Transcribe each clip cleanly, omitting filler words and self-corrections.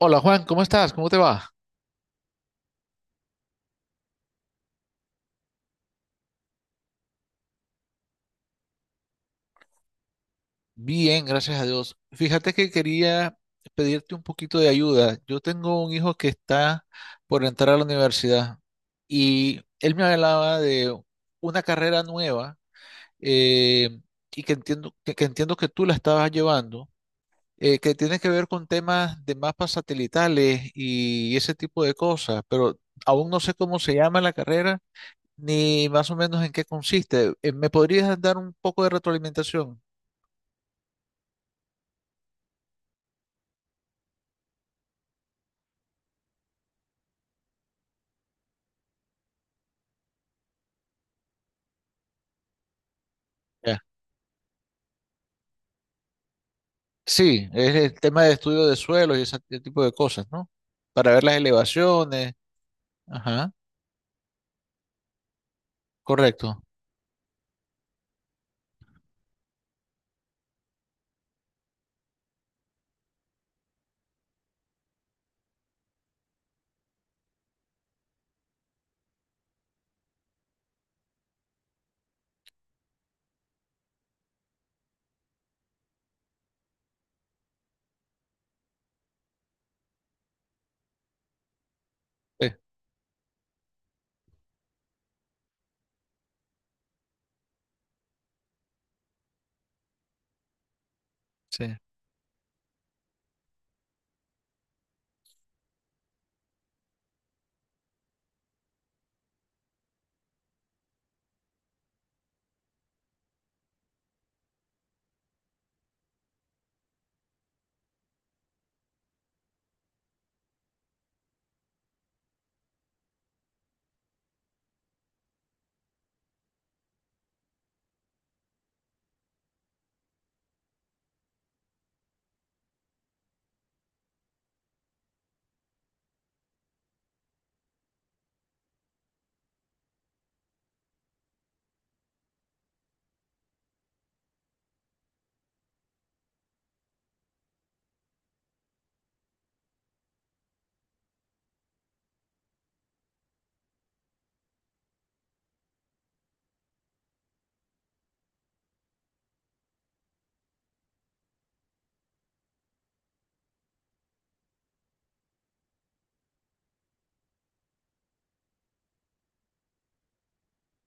Hola Juan, ¿cómo estás? ¿Cómo te va? Bien, gracias a Dios. Fíjate que quería pedirte un poquito de ayuda. Yo tengo un hijo que está por entrar a la universidad y él me hablaba de una carrera nueva eh, y que entiendo que entiendo que tú la estabas llevando, que tiene que ver con temas de mapas satelitales y ese tipo de cosas, pero aún no sé cómo se llama la carrera ni más o menos en qué consiste. ¿Me podrías dar un poco de retroalimentación? Ya. Sí, es el tema de estudio de suelos y ese tipo de cosas, ¿no? Para ver las elevaciones. Ajá, correcto. Sí, sí.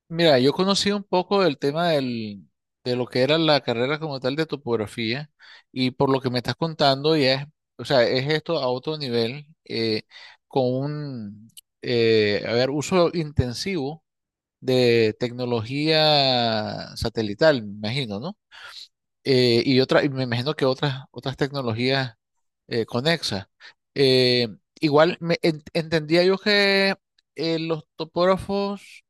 Mira, yo conocí un poco del tema del, de lo que era la carrera como tal de topografía y por lo que me estás contando ya es, o sea, es esto a otro nivel con un, a ver, uso intensivo de tecnología satelital, me imagino, ¿no? Y otra, y me imagino que otras, otras tecnologías conexas. Eh, Igual me, entendía yo que los topógrafos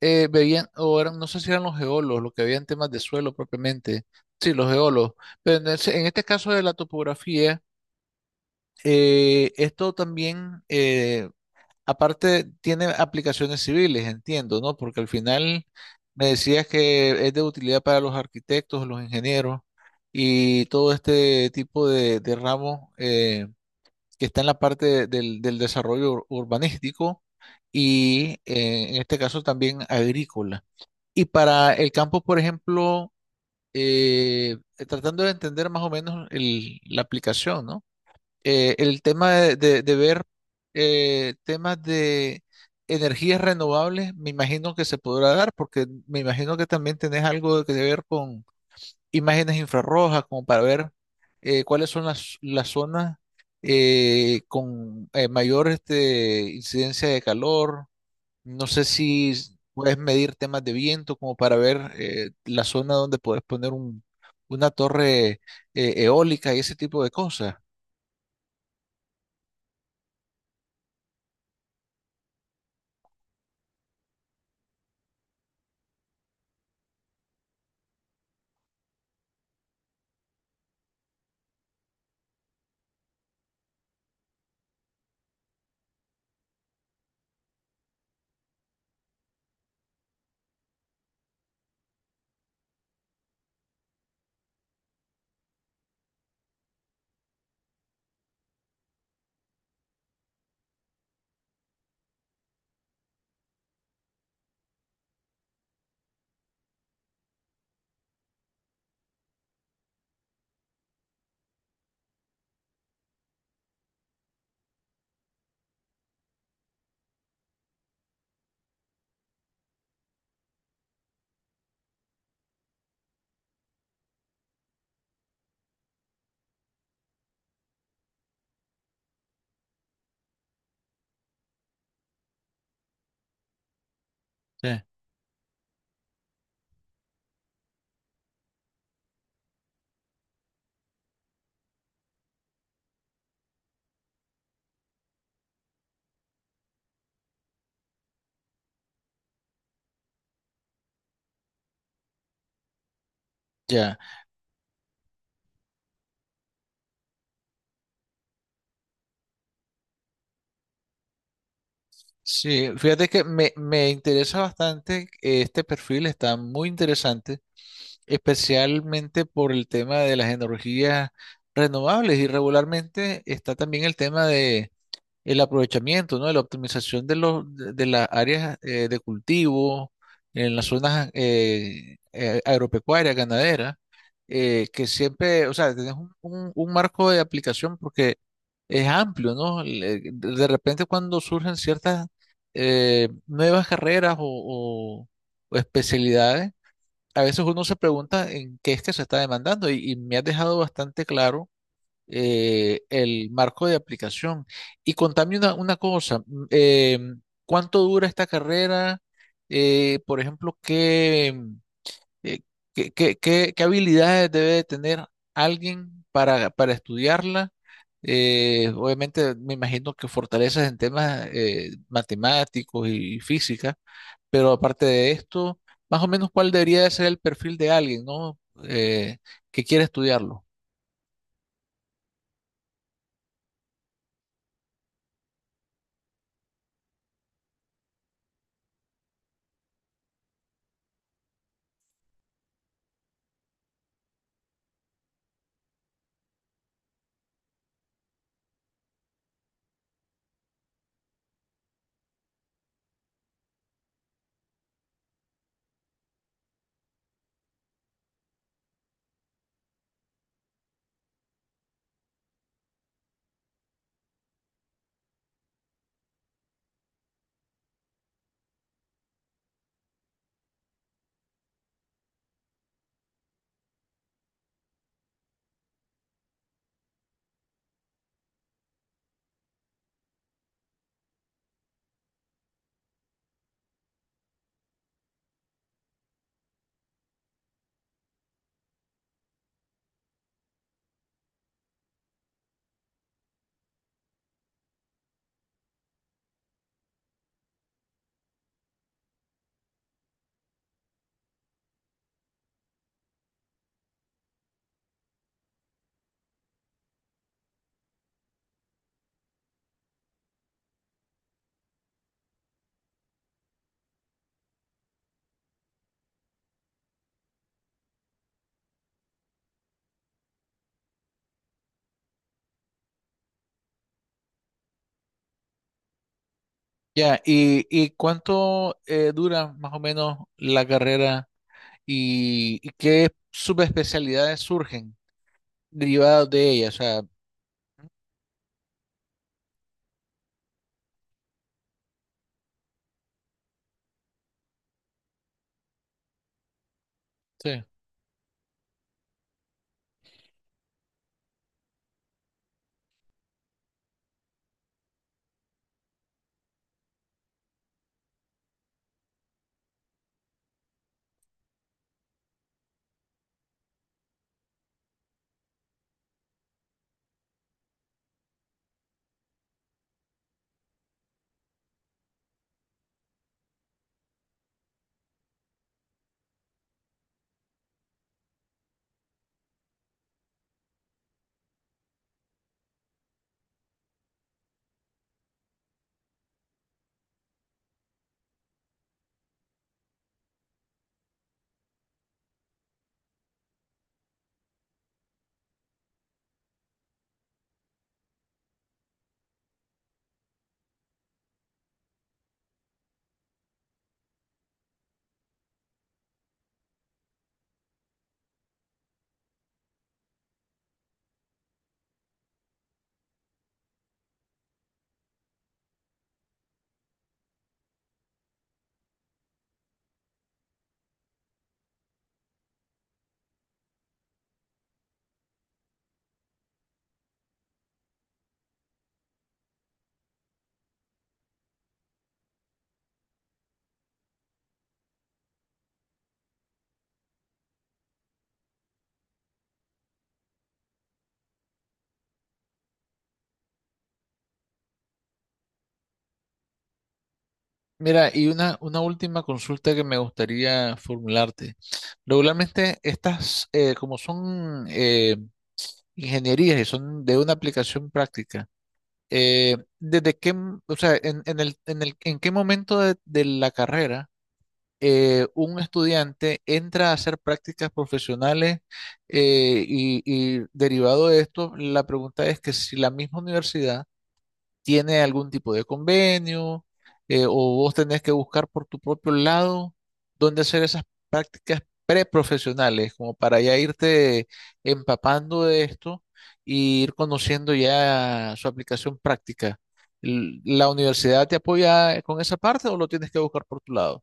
veían, o eran, no sé si eran los geólogos, los que veían temas de suelo propiamente. Sí, los geólogos. Pero en, en este caso de la topografía, esto también aparte, tiene aplicaciones civiles, entiendo, ¿no? Porque al final me decías que es de utilidad para los arquitectos, los ingenieros y todo este tipo de ramos que está en la parte del, del desarrollo urbanístico y en este caso también agrícola. Y para el campo, por ejemplo, eh, tratando de entender más o menos la aplicación, ¿no? El tema de, de ver temas de energías renovables, me imagino que se podrá dar, porque me imagino que también tenés algo que ver con imágenes infrarrojas, como para ver cuáles son las zonas con mayor este, incidencia de calor. No sé si puedes medir temas de viento, como para ver la zona donde puedes poner una torre eólica y ese tipo de cosas. Sí. Ya. Sí, fíjate que me interesa bastante, este perfil está muy interesante, especialmente por el tema de las energías renovables y regularmente está también el tema de el aprovechamiento, ¿no? La optimización de los, de las áreas de cultivo en las zonas agropecuarias, ganaderas, que siempre, o sea, tenés un, un marco de aplicación porque es amplio, ¿no? De repente cuando surgen ciertas nuevas carreras o, o especialidades, a veces uno se pregunta en qué es que se está demandando y me ha dejado bastante claro el marco de aplicación. Y contame una cosa, ¿cuánto dura esta carrera? Por ejemplo, ¿qué, eh, qué, qué habilidades debe de tener alguien para estudiarla? Obviamente me imagino que fortalezas en temas matemáticos y física, pero aparte de esto, más o menos cuál debería de ser el perfil de alguien, ¿no? Que quiere estudiarlo. Ya, y cuánto dura más o menos la carrera y ¿qué subespecialidades surgen derivadas de ella? O sea, sí. Mira, y una última consulta que me gustaría formularte. Regularmente estas, como son ingenierías y son de una aplicación práctica, ¿desde qué, o sea, en el, en el, en qué momento de la carrera un estudiante entra a hacer prácticas profesionales eh, y, y derivado de esto, la pregunta es que si la misma universidad tiene algún tipo de convenio o vos tenés que buscar por tu propio lado dónde hacer esas prácticas preprofesionales, como para ya irte empapando de esto y ir conociendo ya su aplicación práctica. ¿La universidad te apoya con esa parte o lo tienes que buscar por tu lado?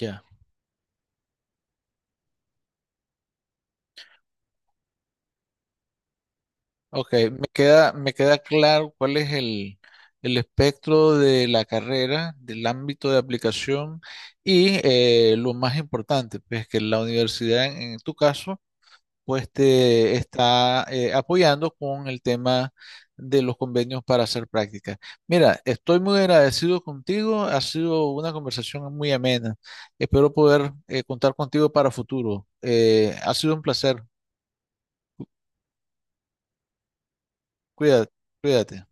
Ya. Ok, me queda claro cuál es el espectro de la carrera, del ámbito de aplicación y lo más importante, pues que la universidad en tu caso, pues te está apoyando con el tema de los convenios para hacer prácticas. Mira, estoy muy agradecido contigo, ha sido una conversación muy amena. Espero poder contar contigo para futuro. Ha sido un placer. Cuídate, cuídate.